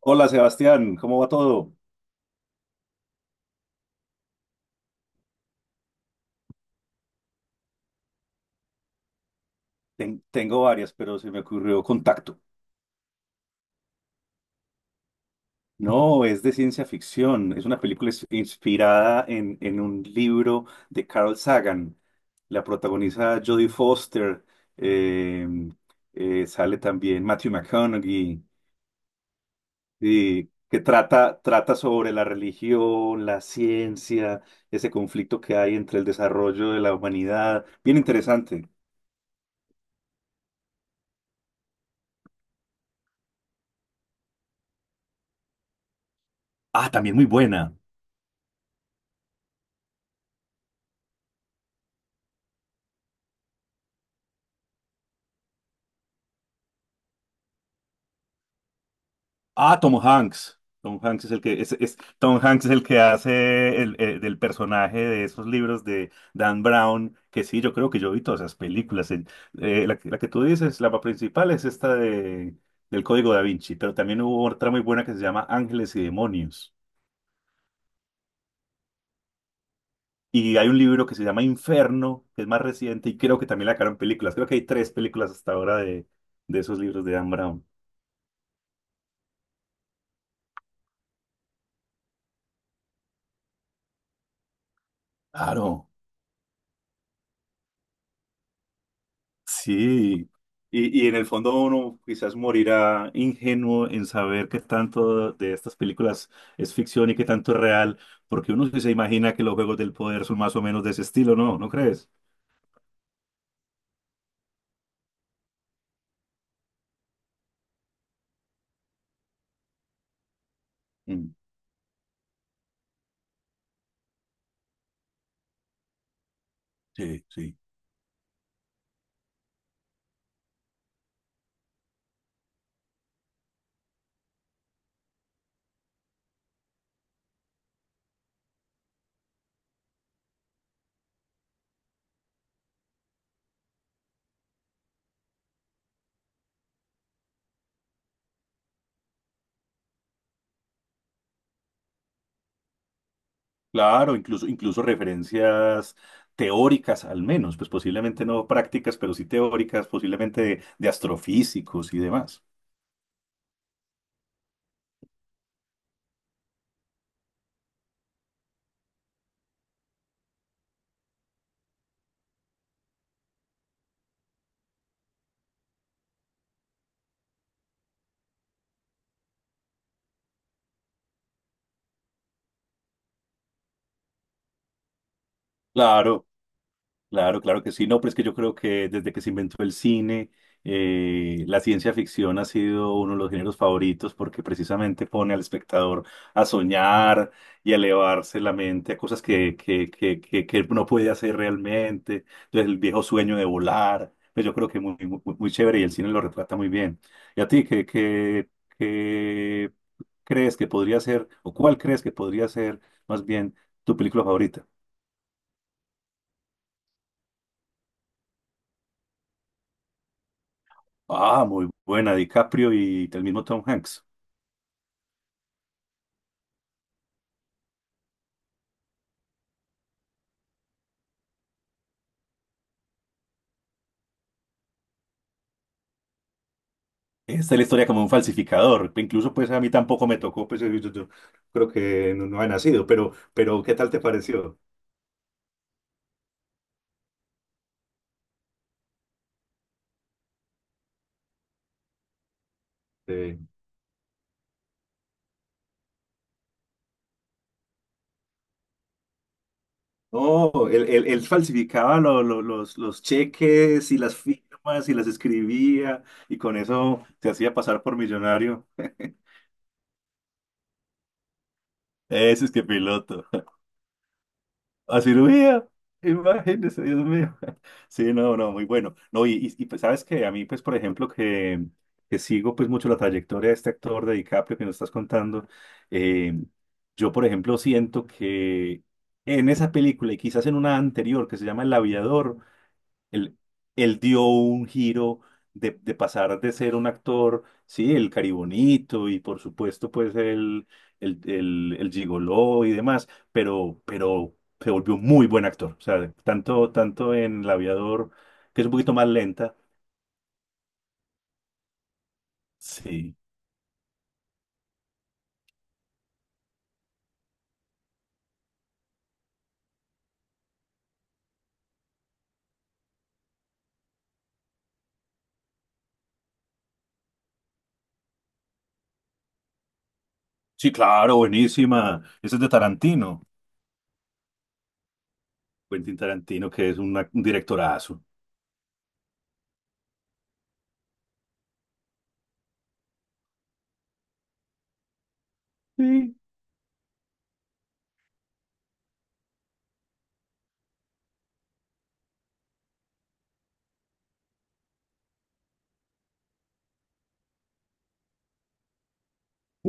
Hola Sebastián, ¿cómo va todo? Tengo varias, pero se me ocurrió Contacto. No, es de ciencia ficción. Es una película inspirada en un libro de Carl Sagan. La protagoniza Jodie Foster. eh, Sale también Matthew McConaughey, y que trata sobre la religión, la ciencia, ese conflicto que hay entre el desarrollo de la humanidad. Bien interesante. Ah, también muy buena. Ah, Tom Hanks. Tom Hanks es el Tom Hanks es el que hace del personaje de esos libros de Dan Brown, que sí, yo creo que yo vi todas esas películas. Que la que tú dices, la principal es del Código Da Vinci, pero también hubo otra muy buena que se llama Ángeles y Demonios. Y hay un libro que se llama Inferno, que es más reciente, y creo que también la sacaron películas. Creo que hay tres películas hasta ahora de esos libros de Dan Brown. Claro. Sí, y en el fondo uno quizás morirá ingenuo en saber qué tanto de estas películas es ficción y qué tanto es real, porque uno sí se imagina que los juegos del poder son más o menos de ese estilo, ¿no? ¿No crees? Mm, sí, sí. Claro, incluso, incluso referencias teóricas al menos, pues posiblemente no prácticas, pero sí teóricas, posiblemente de astrofísicos y demás. Claro. Claro, claro que sí. No, pero es que yo creo que desde que se inventó el cine, la ciencia ficción ha sido uno de los géneros favoritos porque precisamente pone al espectador a soñar y a elevarse la mente a cosas que no puede hacer realmente. Entonces, el viejo sueño de volar, pues yo creo que muy, muy, muy chévere y el cine lo retrata muy bien. ¿Y a ti qué crees que podría ser, o cuál crees que podría ser más bien tu película favorita? Ah, muy buena, DiCaprio y el mismo Tom Hanks. Esta es la historia como un falsificador. Incluso pues a mí tampoco me tocó, pues yo creo que no, no había nacido, pero ¿qué tal te pareció? Eh, no, él falsificaba los cheques y las firmas y las escribía y con eso se hacía pasar por millonario. Ese es que piloto. A cirugía, imagínese, Dios mío. Sí, no, no, muy bueno. No, y, pues, sabes que a mí, pues, por ejemplo, que sigo pues mucho la trayectoria de este actor de DiCaprio que nos estás contando, eh, yo, por ejemplo, siento que en esa película y quizás en una anterior que se llama El Aviador, él, él dio un giro de pasar de ser un actor, sí, el caribonito y por supuesto pues el gigoló y demás, pero se volvió un muy buen actor. O sea, tanto, tanto en El Aviador, que es un poquito más lenta. Sí, sí, claro, buenísima. Ese es de Tarantino, Quentin Tarantino, que es un directorazo. Sí,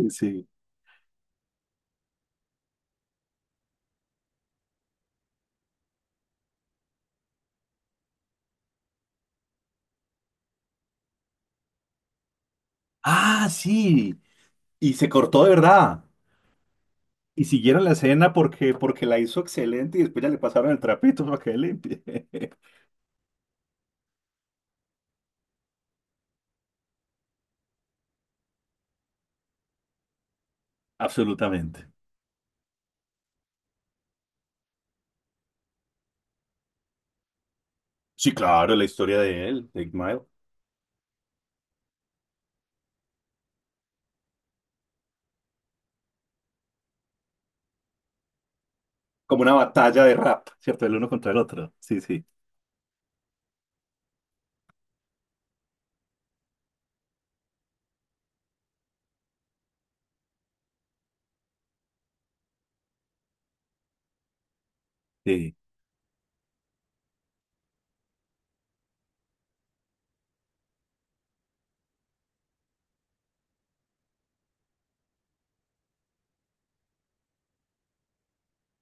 sí. Ah, sí. Y se cortó de verdad. Y siguieron la escena porque, porque la hizo excelente y después ya le pasaron el trapito para que limpie. Absolutamente. Sí, claro, la historia de él, de Eight Mile. Como una batalla de rap, ¿cierto? El uno contra el otro. Sí, sí, sí.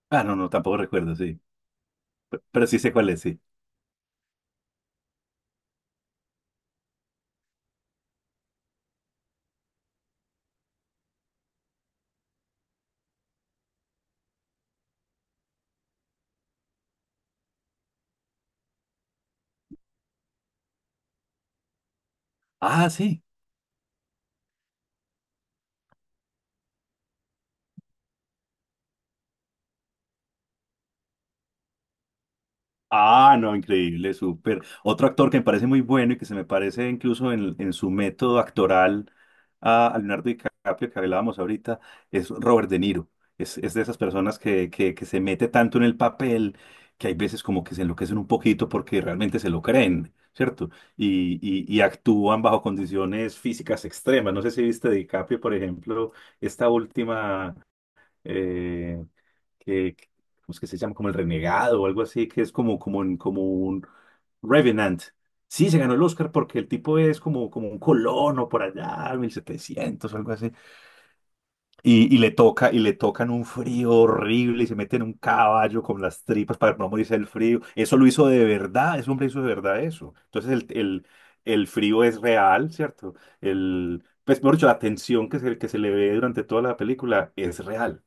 Ah, no, no, tampoco recuerdo, sí. Pe- pero, sí sé cuál es, sí. Ah, sí. Ah, no, increíble, súper. Otro actor que me parece muy bueno y que se me parece incluso en su método actoral a Leonardo DiCaprio, que hablábamos ahorita, es Robert De Niro. Es de esas personas que se mete tanto en el papel que hay veces como que se enloquecen un poquito porque realmente se lo creen, ¿cierto? Y actúan bajo condiciones físicas extremas. No sé si viste DiCaprio, por ejemplo, esta última eh, que, que- ¿cómo es que se llama? Como el renegado o algo así, que es como, como, como un Revenant. Sí, se ganó el Oscar porque el tipo es como, como un colono por allá, 1700 o algo así. Y le toca, y le tocan un frío horrible y se mete en un caballo con las tripas para no morirse del frío. Eso lo hizo de verdad, ese hombre hizo de verdad eso. Entonces el frío es real, ¿cierto? El, pues, mejor dicho, la tensión que que se le ve durante toda la película es real.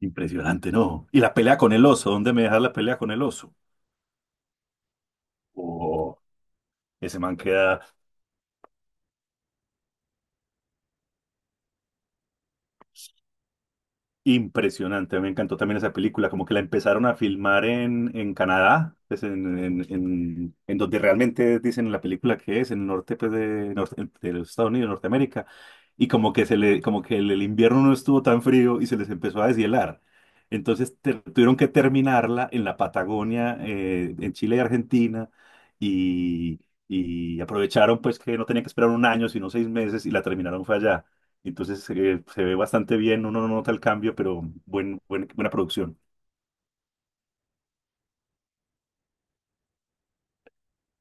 Impresionante, ¿no? Y la pelea con el oso, ¿dónde me dejas la pelea con el oso? Oh, ese man queda impresionante. Me encantó también esa película, como que la empezaron a filmar en Canadá, pues en donde realmente dicen en la película que es, en el norte pues, de los Estados Unidos, Norteamérica, y como que, se le, como que el invierno no estuvo tan frío y se les empezó a deshielar. Entonces tuvieron que terminarla en la Patagonia, en Chile y Argentina, y, y aprovecharon pues que no tenían que esperar un año, sino 6 meses, y la terminaron fue allá. Entonces se ve bastante bien, uno no nota el cambio, pero buena producción.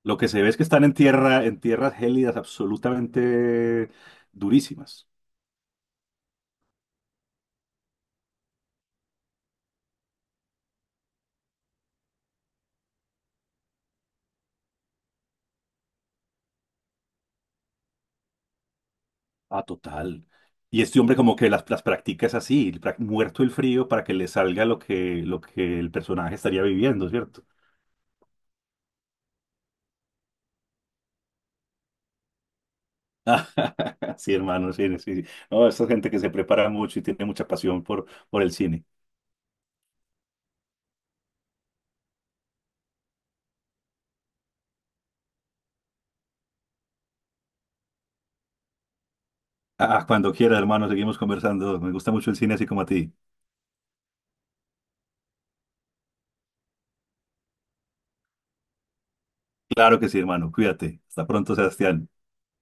Lo que se ve es que están en tierra, en tierras gélidas absolutamente durísimas. Ah, total. Y este hombre como que las practica es así, pra- muerto el frío para que le salga lo lo que el personaje estaría viviendo, ¿cierto? Sí, hermano, sí, sí. Sí. No, esa gente que se prepara mucho y tiene mucha pasión por el cine. Ah, ah, cuando quiera, hermano, seguimos conversando. Me gusta mucho el cine así como a ti. Claro que sí, hermano. Cuídate. Hasta pronto, Sebastián.